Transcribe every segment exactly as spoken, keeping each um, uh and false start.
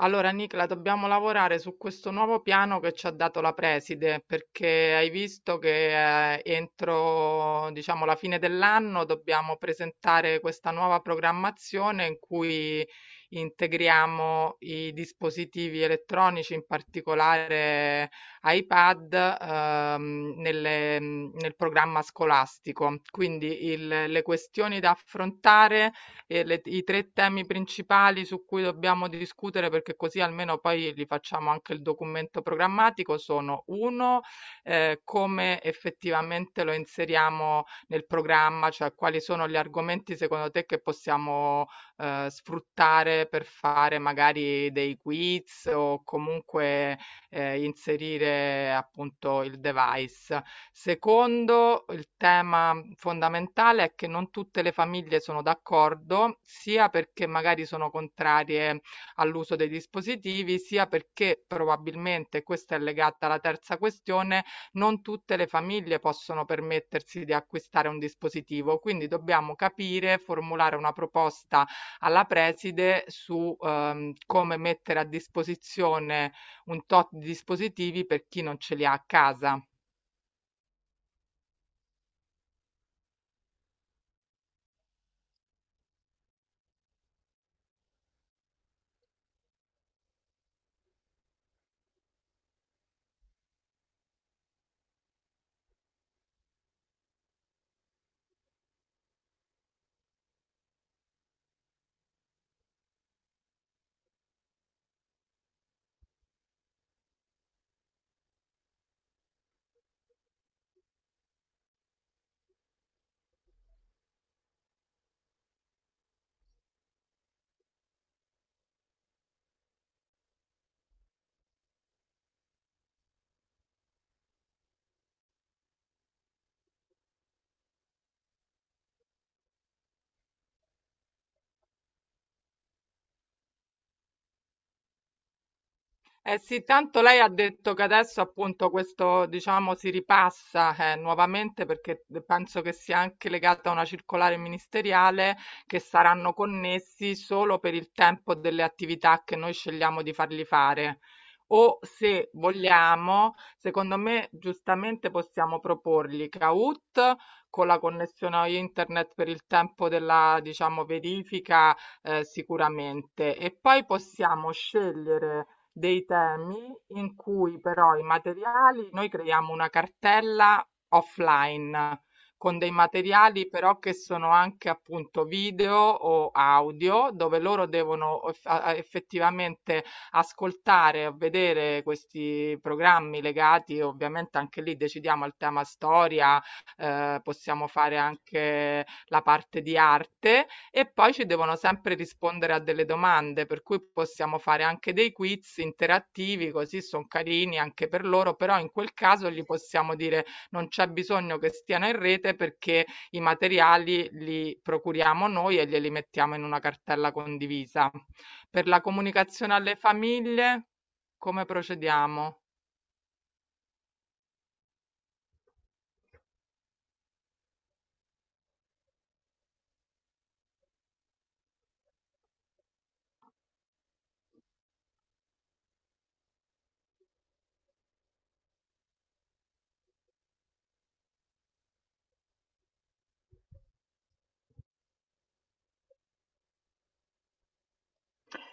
Allora, Nicla, dobbiamo lavorare su questo nuovo piano che ci ha dato la preside, perché hai visto che eh, entro, diciamo, la fine dell'anno dobbiamo presentare questa nuova programmazione in cui integriamo i dispositivi elettronici, in particolare iPad, ehm, nelle- nel programma scolastico. Quindi il- le questioni da affrontare e le- i tre temi principali su cui dobbiamo discutere, perché così almeno poi li facciamo anche il documento programmatico, sono uno, eh, come effettivamente lo inseriamo nel programma, cioè quali sono gli argomenti secondo te che possiamo eh, sfruttare per fare magari dei quiz o comunque ehm, inserire appunto il device. Secondo, il tema fondamentale è che non tutte le famiglie sono d'accordo, sia perché magari sono contrarie all'uso dei dispositivi, sia perché probabilmente, questa è legata alla terza questione, non tutte le famiglie possono permettersi di acquistare un dispositivo. Quindi dobbiamo capire, formulare una proposta alla preside su, ehm, come mettere a disposizione un tot di dispositivi per chi non ce li ha a casa. Eh sì, tanto lei ha detto che adesso appunto questo, diciamo, si ripassa eh, nuovamente perché penso che sia anche legata a una circolare ministeriale che saranno connessi solo per il tempo delle attività che noi scegliamo di fargli fare. O se vogliamo, secondo me giustamente possiamo proporgli Kahoot con la connessione a internet per il tempo della, diciamo, verifica eh, sicuramente e poi possiamo scegliere dei temi in cui però i materiali, noi creiamo una cartella offline con dei materiali però che sono anche appunto video o audio, dove loro devono eff- a- effettivamente ascoltare o vedere questi programmi legati, ovviamente anche lì decidiamo al tema storia, eh, possiamo fare anche la parte di arte e poi ci devono sempre rispondere a delle domande, per cui possiamo fare anche dei quiz interattivi, così sono carini anche per loro, però in quel caso gli possiamo dire non c'è bisogno che stiano in rete perché i materiali li procuriamo noi e glieli mettiamo in una cartella condivisa. Per la comunicazione alle famiglie, come procediamo?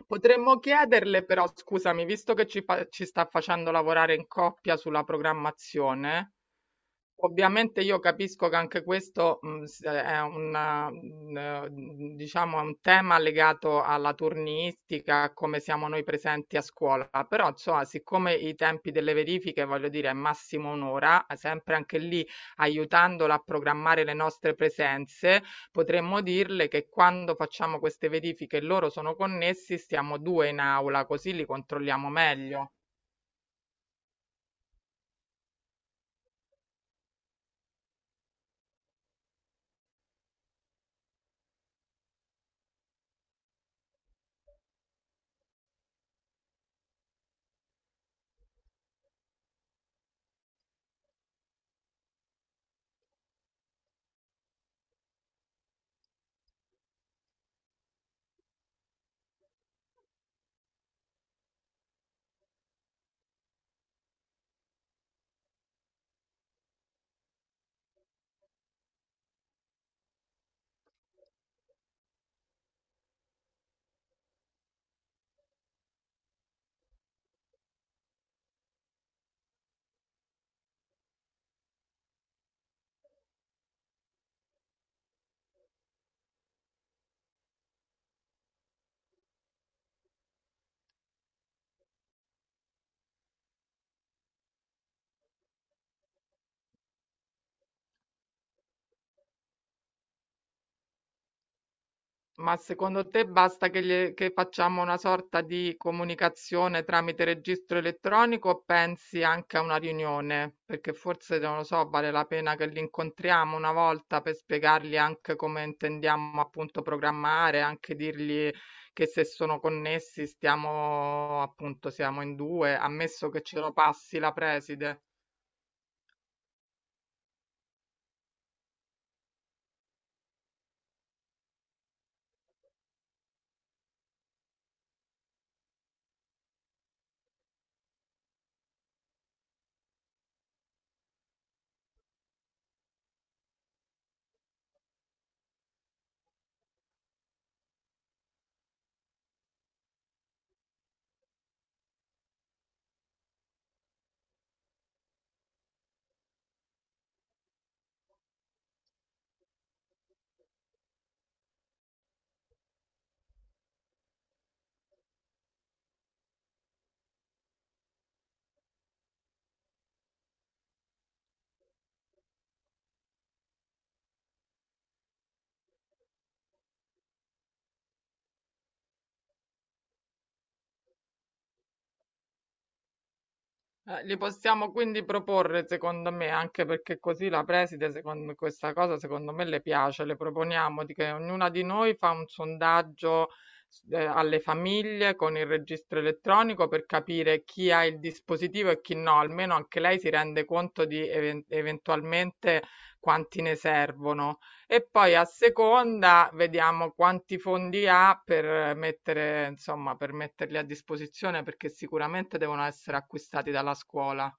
Potremmo chiederle però, scusami, visto che ci, fa- ci sta facendo lavorare in coppia sulla programmazione, ovviamente io capisco che anche questo mh, s- è una, mh, eh, diciamo, è un tema legato alla turnistica, a come siamo noi presenti a scuola, però insomma, siccome i tempi delle verifiche, voglio dire, è massimo un'ora, sempre anche lì aiutandola a programmare le nostre presenze, potremmo dirle che quando facciamo queste verifiche e loro sono connessi, stiamo due in aula, così li controlliamo meglio. Ma secondo te basta che, gli- che facciamo una sorta di comunicazione tramite registro elettronico o pensi anche a una riunione? Perché forse, non lo so, vale la pena che li incontriamo una volta per spiegargli anche come intendiamo appunto programmare, anche dirgli che se sono connessi stiamo appunto siamo in due, ammesso che ce lo passi la preside. Eh, li possiamo quindi proporre, secondo me, anche perché così la preside, secondo questa cosa, secondo me le piace. Le proponiamo di che ognuna di noi fa un sondaggio eh, alle famiglie con il registro elettronico per capire chi ha il dispositivo e chi no, almeno anche lei si rende conto di even- eventualmente quanti ne servono. E poi a seconda vediamo quanti fondi ha per mettere, insomma, per metterli a disposizione perché sicuramente devono essere acquistati dalla scuola.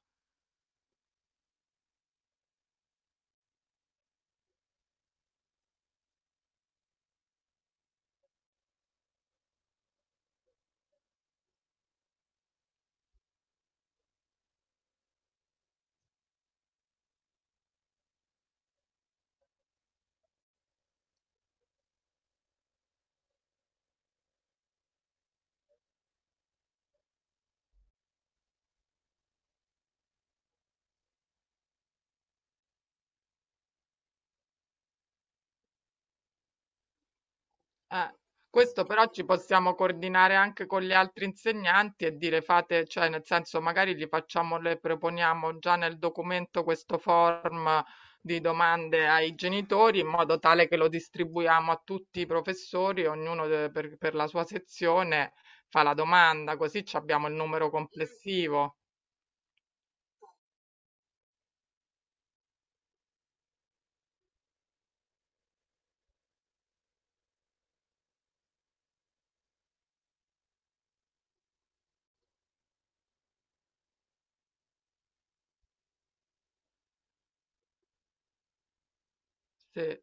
Eh, questo però ci possiamo coordinare anche con gli altri insegnanti e dire fate, cioè nel senso magari gli facciamo, le proponiamo già nel documento questo form di domande ai genitori in modo tale che lo distribuiamo a tutti i professori, ognuno de- per, per la sua sezione fa la domanda, così ci abbiamo il numero complessivo. Sì.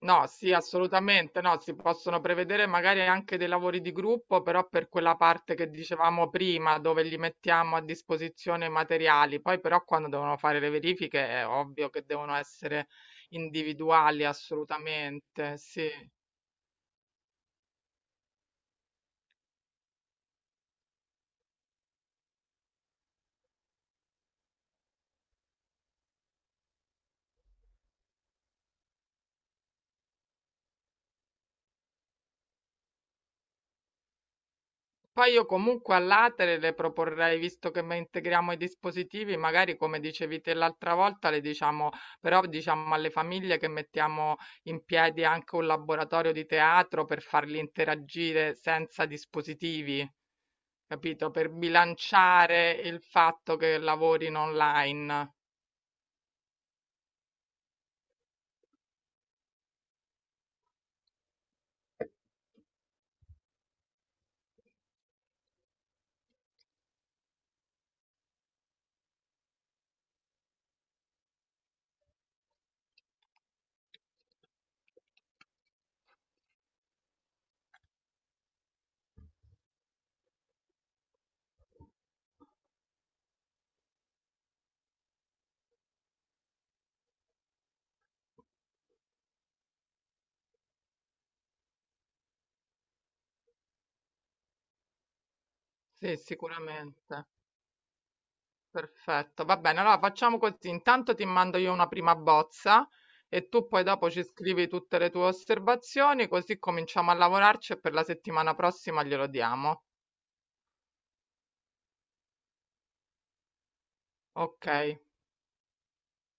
No, sì, assolutamente no, si possono prevedere magari anche dei lavori di gruppo, però per quella parte che dicevamo prima, dove gli mettiamo a disposizione i materiali. Poi però quando devono fare le verifiche è ovvio che devono essere individuali, assolutamente, sì. Poi io comunque all'atere le proporrei, visto che me- integriamo i dispositivi, magari come dicevi te l'altra volta, le diciamo, però diciamo alle famiglie che mettiamo in piedi anche un laboratorio di teatro per farli interagire senza dispositivi, capito? Per bilanciare il fatto che lavorino online. Sì, sicuramente. Perfetto, va bene. Allora facciamo così. Intanto ti mando io una prima bozza e tu poi dopo ci scrivi tutte le tue osservazioni, così cominciamo a lavorarci e per la settimana prossima glielo diamo. Ok.